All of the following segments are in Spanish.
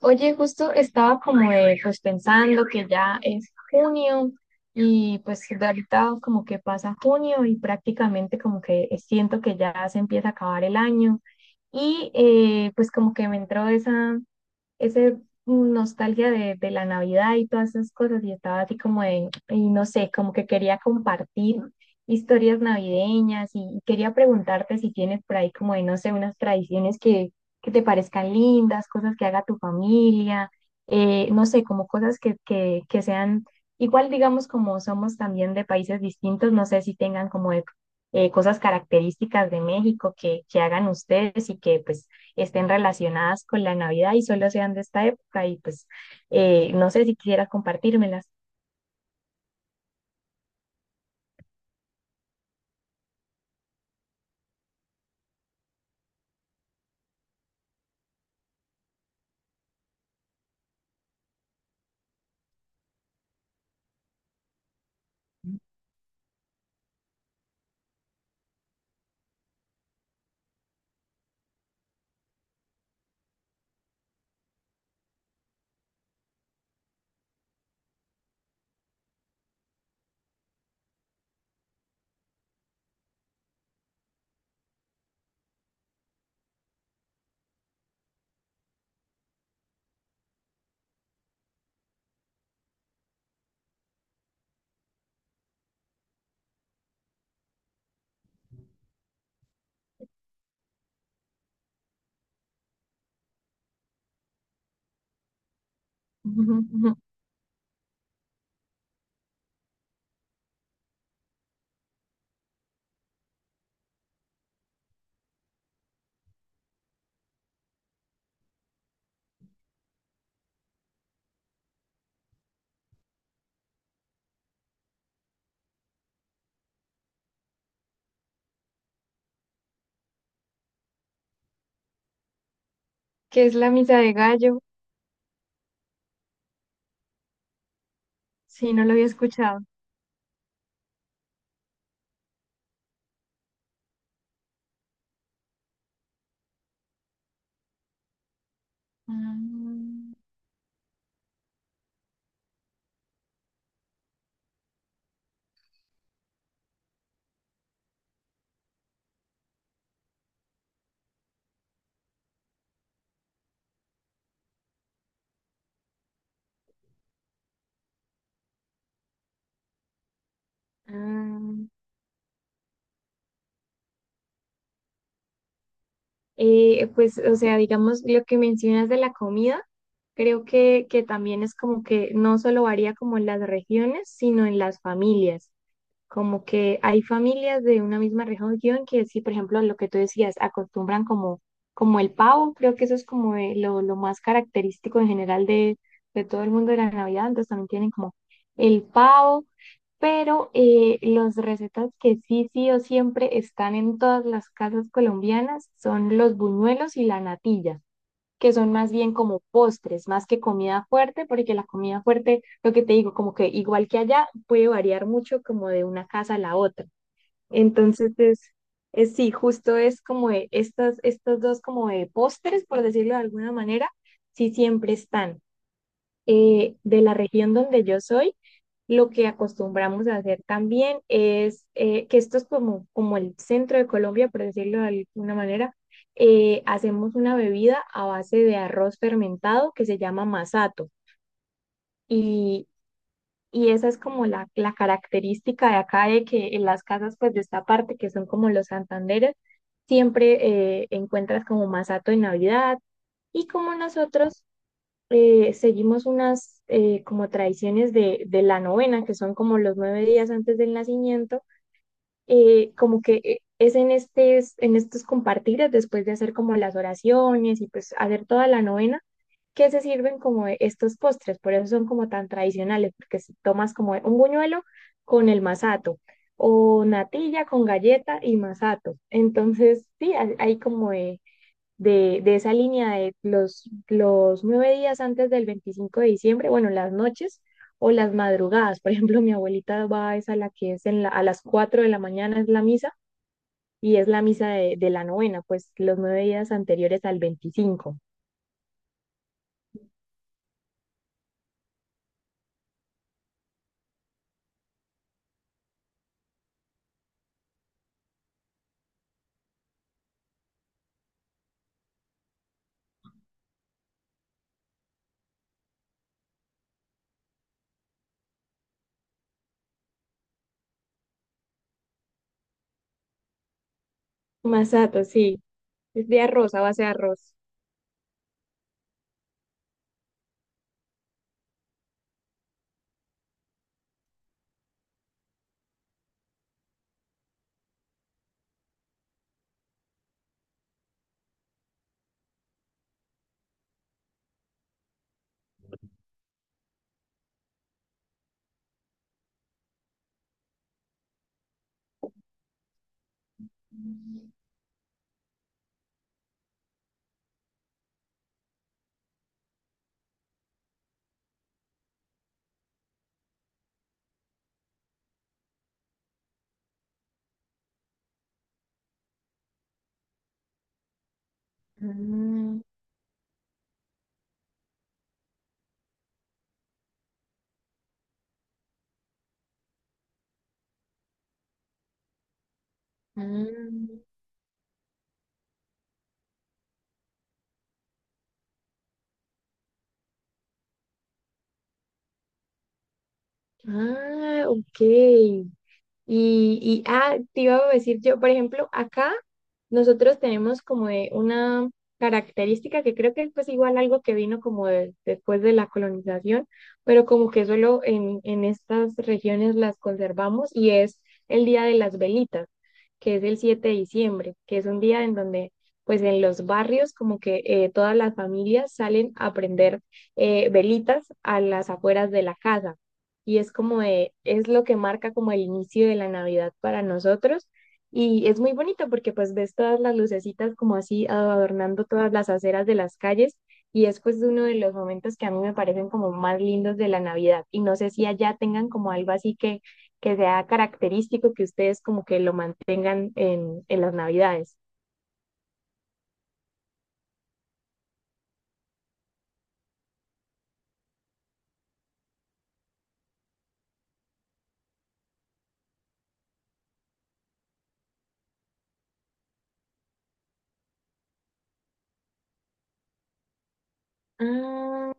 Oye, justo estaba como pues pensando que ya es junio y pues de ahorita como que pasa junio y prácticamente como que siento que ya se empieza a acabar el año y pues como que me entró esa, ese nostalgia de la Navidad y todas esas cosas y estaba así como de, y no sé, como que quería compartir historias navideñas y quería preguntarte si tienes por ahí como de, no sé, unas tradiciones que te parezcan lindas, cosas que haga tu familia, no sé, como cosas que sean igual, digamos, como somos también de países distintos, no sé si tengan como de, cosas características de México que hagan ustedes y que pues estén relacionadas con la Navidad y solo sean de esta época y pues no sé si quisieras compartírmelas. ¿Qué es la misa de gallo? Sí, no lo había escuchado. Ah, ah, pues, o sea, digamos, lo que mencionas de la comida, creo que también es como que no solo varía como en las regiones, sino en las familias. Como que hay familias de una misma región que sí, por ejemplo, lo que tú decías, acostumbran como, como el pavo, creo que eso es como lo más característico en general de todo el mundo de la Navidad, entonces también tienen como el pavo, pero las recetas que sí, sí o siempre están en todas las casas colombianas son los buñuelos y la natilla que son más bien como postres, más que comida fuerte, porque la comida fuerte, lo que te digo, como que igual que allá, puede variar mucho como de una casa a la otra. Entonces es sí, justo es como de estas, estos dos como de postres, por decirlo de alguna manera, sí siempre están. De la región donde yo soy, lo que acostumbramos a hacer también es que esto es como, como el centro de Colombia, por decirlo de alguna manera. Hacemos una bebida a base de arroz fermentado que se llama masato. Y, y esa es como la característica de acá, de que en las casas pues de esta parte, que son como los Santanderes, siempre encuentras como masato en Navidad. Y como nosotros seguimos unas como tradiciones de la novena, que son como los 9 días antes del nacimiento, como que es en, estes, en estos compartires, después de hacer como las oraciones y pues hacer toda la novena, que se sirven como estos postres, por eso son como tan tradicionales, porque si tomas como un buñuelo con el masato o natilla con galleta y masato. Entonces, sí, hay como de esa línea de los 9 días antes del 25 de diciembre, bueno, las noches o las madrugadas. Por ejemplo, mi abuelita va es a la que es en la, a las 4 de la mañana es la misa y es la misa de la novena, pues los 9 días anteriores al 25. Masato, sí, es de arroz, a base de arroz. Ah, ah, ah, ok. Ah, te iba a decir yo, por ejemplo, acá nosotros tenemos como de una característica que creo que es pues igual algo que vino después de la colonización, pero como que solo en estas regiones las conservamos y es el Día de las Velitas, que es el 7 de diciembre, que es un día en donde pues en los barrios como que todas las familias salen a prender velitas a las afueras de la casa y es como de, es lo que marca como el inicio de la Navidad para nosotros y es muy bonito porque pues ves todas las lucecitas como así adornando todas las aceras de las calles y es pues uno de los momentos que a mí me parecen como más lindos de la Navidad y no sé si allá tengan como algo así que sea característico que ustedes como que lo mantengan en las Navidades. Ah,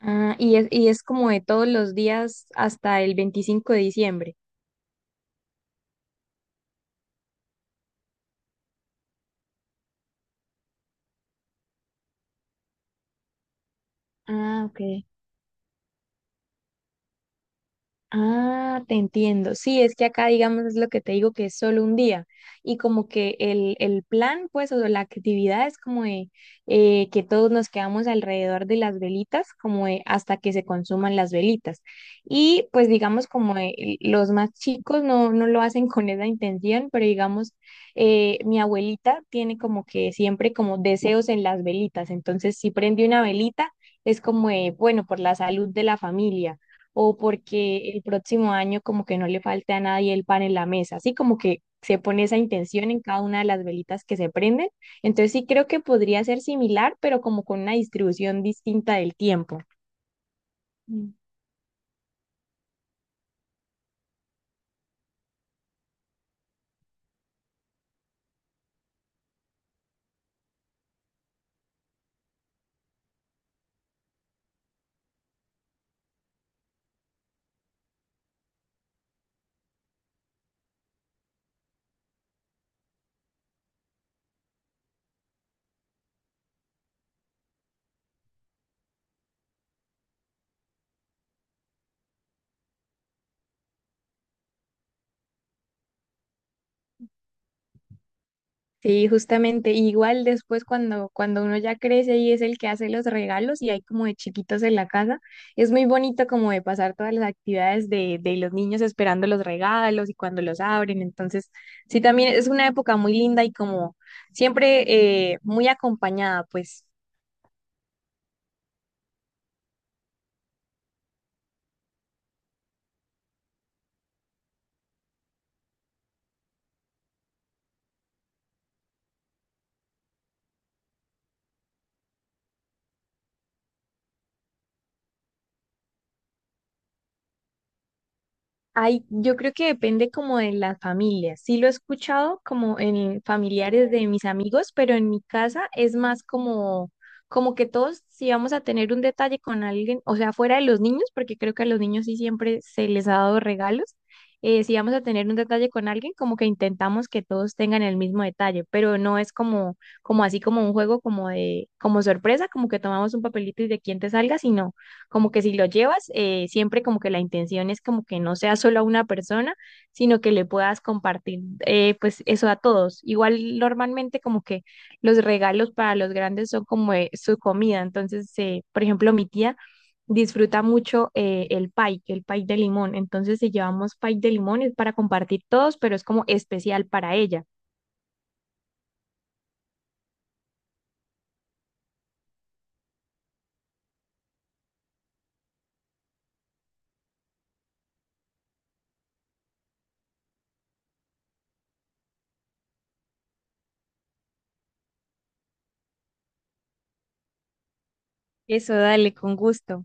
y es como de todos los días hasta el 25 de diciembre. Ah, ok. Ah, te entiendo. Sí, es que acá, digamos, es lo que te digo, que es solo un día. Y como que el plan, pues, o la actividad es como de que todos nos quedamos alrededor de las velitas, como de hasta que se consuman las velitas. Y pues, digamos, como de los más chicos no lo hacen con esa intención, pero digamos, mi abuelita tiene como que siempre como deseos en las velitas. Entonces, si prende una velita, es como de, bueno, por la salud de la familia o porque el próximo año como que no le falte a nadie el pan en la mesa, así como que se pone esa intención en cada una de las velitas que se prenden. Entonces sí creo que podría ser similar, pero como con una distribución distinta del tiempo. Sí, justamente. Y igual después cuando uno ya crece y es el que hace los regalos y hay como de chiquitos en la casa, es muy bonito como de pasar todas las actividades de los niños esperando los regalos y cuando los abren. Entonces, sí, también es una época muy linda y como siempre muy acompañada, pues. Ay, yo creo que depende como de las familias. Sí lo he escuchado como en familiares de mis amigos, pero en mi casa es más como, como que todos si vamos a tener un detalle con alguien, o sea, fuera de los niños, porque creo que a los niños sí siempre se les ha dado regalos. Si vamos a tener un detalle con alguien, como que intentamos que todos tengan el mismo detalle, pero no es como, como así como un juego como de, como sorpresa, como que tomamos un papelito y de quién te salga, sino como que si lo llevas, siempre como que la intención es como que no sea solo a una persona, sino que le puedas compartir pues eso a todos. Igual normalmente como que los regalos para los grandes son como su comida. Entonces, por ejemplo, mi tía disfruta mucho el pie de limón. Entonces, si llevamos pie de limón es para compartir todos, pero es como especial para ella. Eso, dale, con gusto.